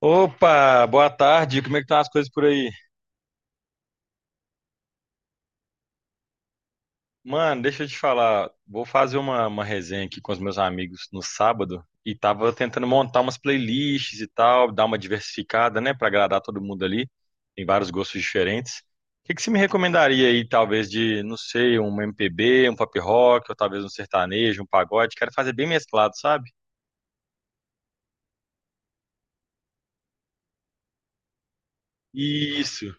Opa, boa tarde. Como é que estão as coisas por aí? Mano, deixa eu te falar. Vou fazer uma resenha aqui com os meus amigos no sábado e tava tentando montar umas playlists e tal, dar uma diversificada, né, pra agradar todo mundo ali. Tem vários gostos diferentes. O que que você me recomendaria aí, talvez de, não sei, um MPB, um pop rock, ou talvez um sertanejo, um pagode? Quero fazer bem mesclado, sabe? Isso.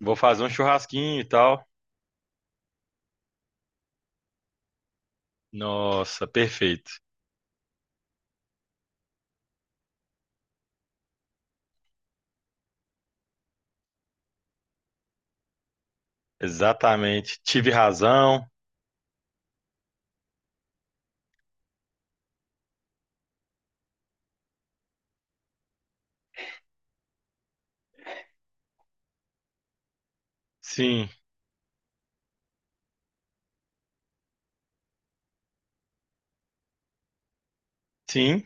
Vou fazer um churrasquinho e tal. Nossa, perfeito. Exatamente. Tive razão. Sim. Sim,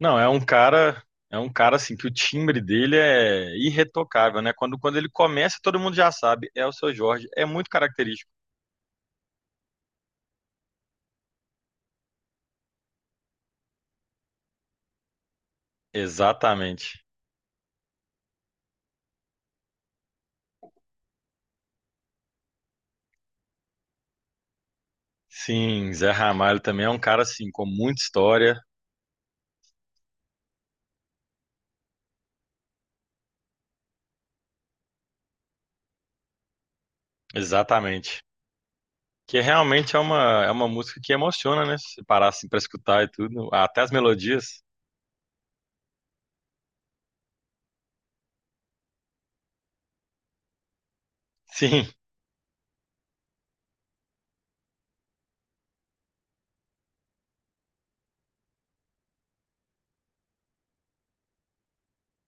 não, é um cara assim que o timbre dele é irretocável, né? Quando ele começa, todo mundo já sabe, é o seu Jorge, é muito característico. Exatamente. Sim, Zé Ramalho também é um cara assim com muita história, exatamente. Que realmente é uma música que emociona, né? Se parar assim para escutar e tudo, até as melodias. Sim.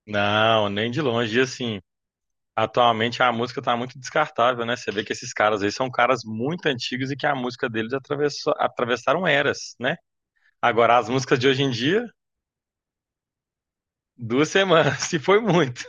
Não, nem de longe, e, assim. Atualmente a música tá muito descartável, né? Você vê que esses caras aí são caras muito antigos e que a música deles atravessou, atravessaram eras, né? Agora, as músicas de hoje em dia, duas semanas, se foi muito.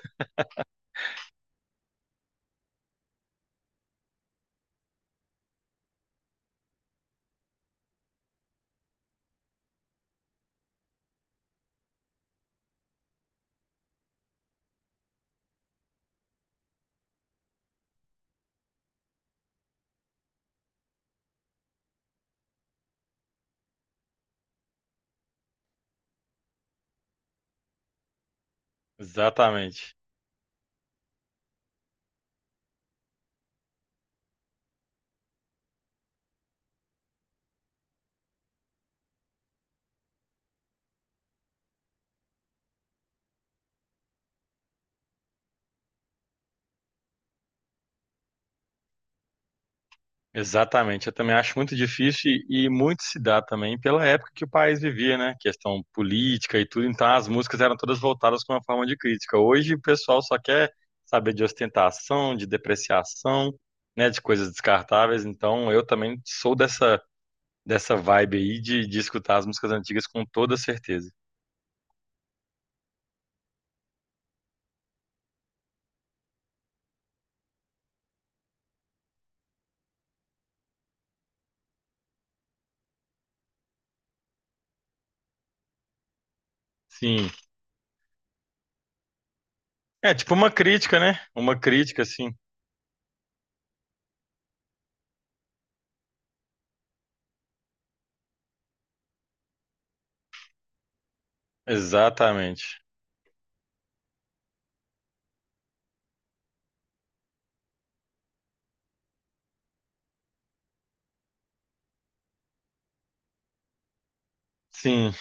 Exatamente. Exatamente. Eu também acho muito difícil e muito se dá também pela época que o país vivia, né? Questão política e tudo. Então as músicas eram todas voltadas com uma forma de crítica. Hoje o pessoal só quer saber de ostentação, de depreciação, né? De coisas descartáveis. Então eu também sou dessa dessa vibe aí de escutar as músicas antigas com toda certeza. Sim. É tipo uma crítica, né? Uma crítica, sim. Exatamente. Sim,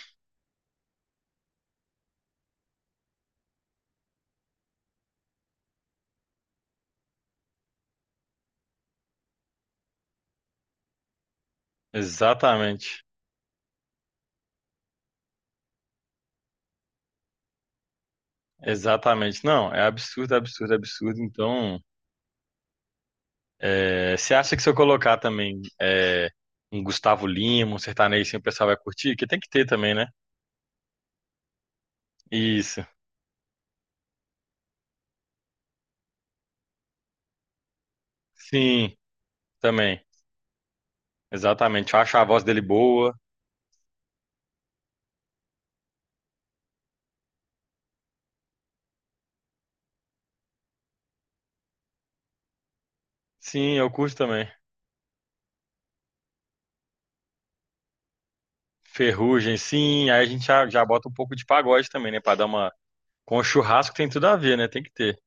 exatamente. Exatamente. Não, é absurdo, absurdo, absurdo. Então, é, você acha que se eu colocar também é, um Gustavo Lima, um sertanejo, assim, o pessoal vai curtir? Que tem que ter também, né? Isso. Sim, também. Exatamente. Eu acho a voz dele boa. Sim, eu curto também. Ferrugem, sim. Aí a gente já bota um pouco de pagode também, né? Pra dar uma. Com o churrasco tem tudo a ver, né? Tem que ter.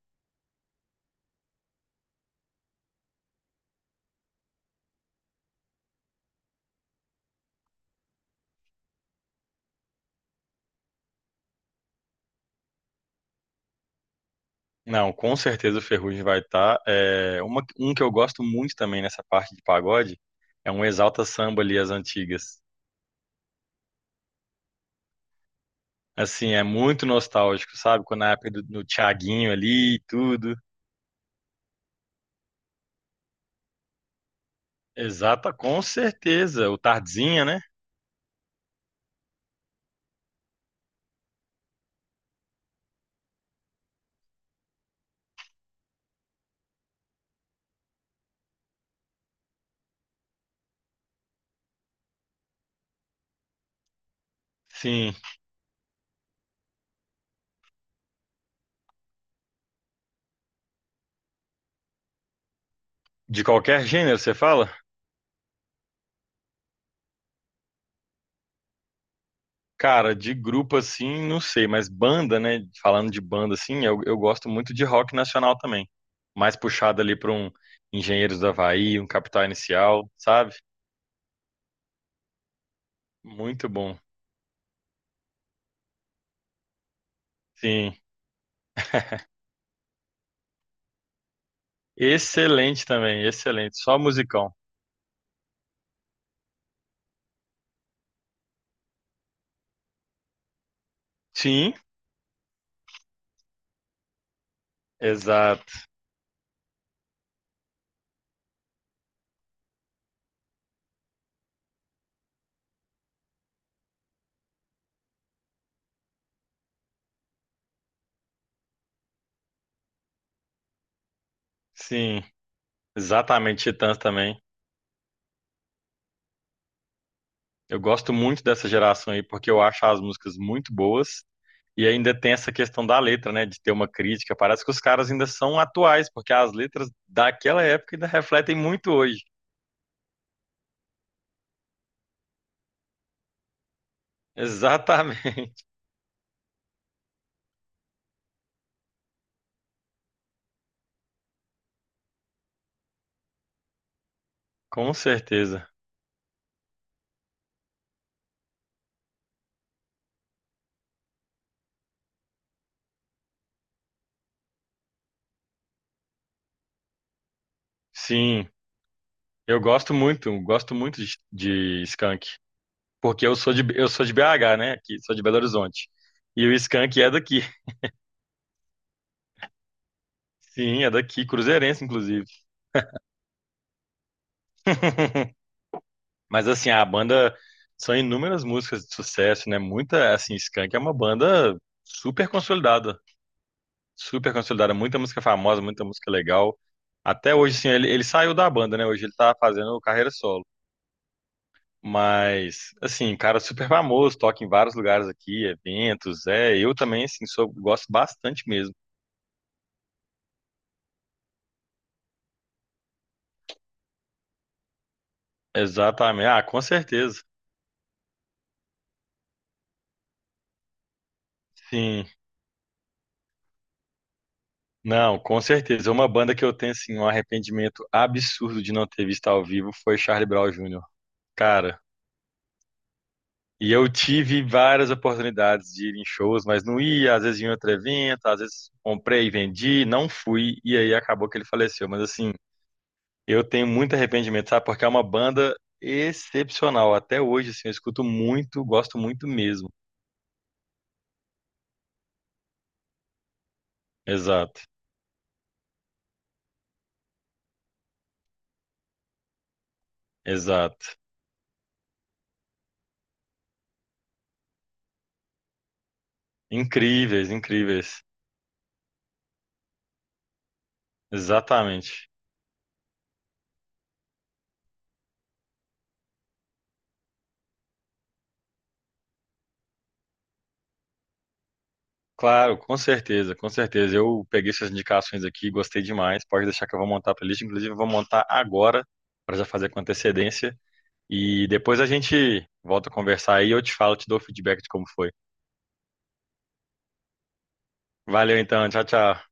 Não, com certeza o Ferrugem vai estar. É, uma, um que eu gosto muito também nessa parte de pagode é um Exalta Samba ali, as antigas. Assim, é muito nostálgico, sabe? Quando na época do Thiaguinho ali e tudo. Exata, com certeza. O Tardezinha, né? Sim. De qualquer gênero, você fala? Cara, de grupo assim, não sei, mas banda, né? Falando de banda assim, eu gosto muito de rock nacional também. Mais puxado ali para um Engenheiros do Havaí, um Capital Inicial, sabe? Muito bom. Sim. Excelente também, excelente. Só musicão. Sim, exato. Sim, exatamente. Titãs também. Eu gosto muito dessa geração aí porque eu acho as músicas muito boas e ainda tem essa questão da letra, né? De ter uma crítica. Parece que os caras ainda são atuais, porque as letras daquela época ainda refletem muito hoje. Exatamente, com certeza. Sim, eu gosto muito de Skank, porque eu sou de BH, né? Aqui, sou de Belo Horizonte. E o Skank é daqui. Sim, é daqui, cruzeirense, inclusive. Mas assim, a banda são inúmeras músicas de sucesso, né? Muita, assim, Skank é uma banda super consolidada. Super consolidada, muita música famosa, muita música legal. Até hoje, assim, ele saiu da banda, né? Hoje ele tá fazendo carreira solo. Mas, assim, cara super famoso, toca em vários lugares aqui, eventos, é. Eu também, assim, sou, gosto bastante mesmo. Exatamente. Ah, com certeza. Sim. Não, com certeza. Uma banda que eu tenho, assim, um arrependimento absurdo de não ter visto ao vivo foi Charlie Brown Jr. Cara, e eu tive várias oportunidades de ir em shows, mas não ia, às vezes em outro evento, às vezes comprei e vendi, não fui, e aí acabou que ele faleceu. Mas assim, eu tenho muito arrependimento, sabe? Porque é uma banda excepcional. Até hoje, assim, eu escuto muito, gosto muito mesmo. Exato, exato. Incríveis, incríveis. Exatamente. Claro, com certeza, com certeza. Eu peguei suas indicações aqui, gostei demais. Pode deixar que eu vou montar a playlist. Inclusive, eu vou montar agora, para já fazer com antecedência. E depois a gente volta a conversar aí, eu te falo, te dou o feedback de como foi. Valeu então, tchau, tchau.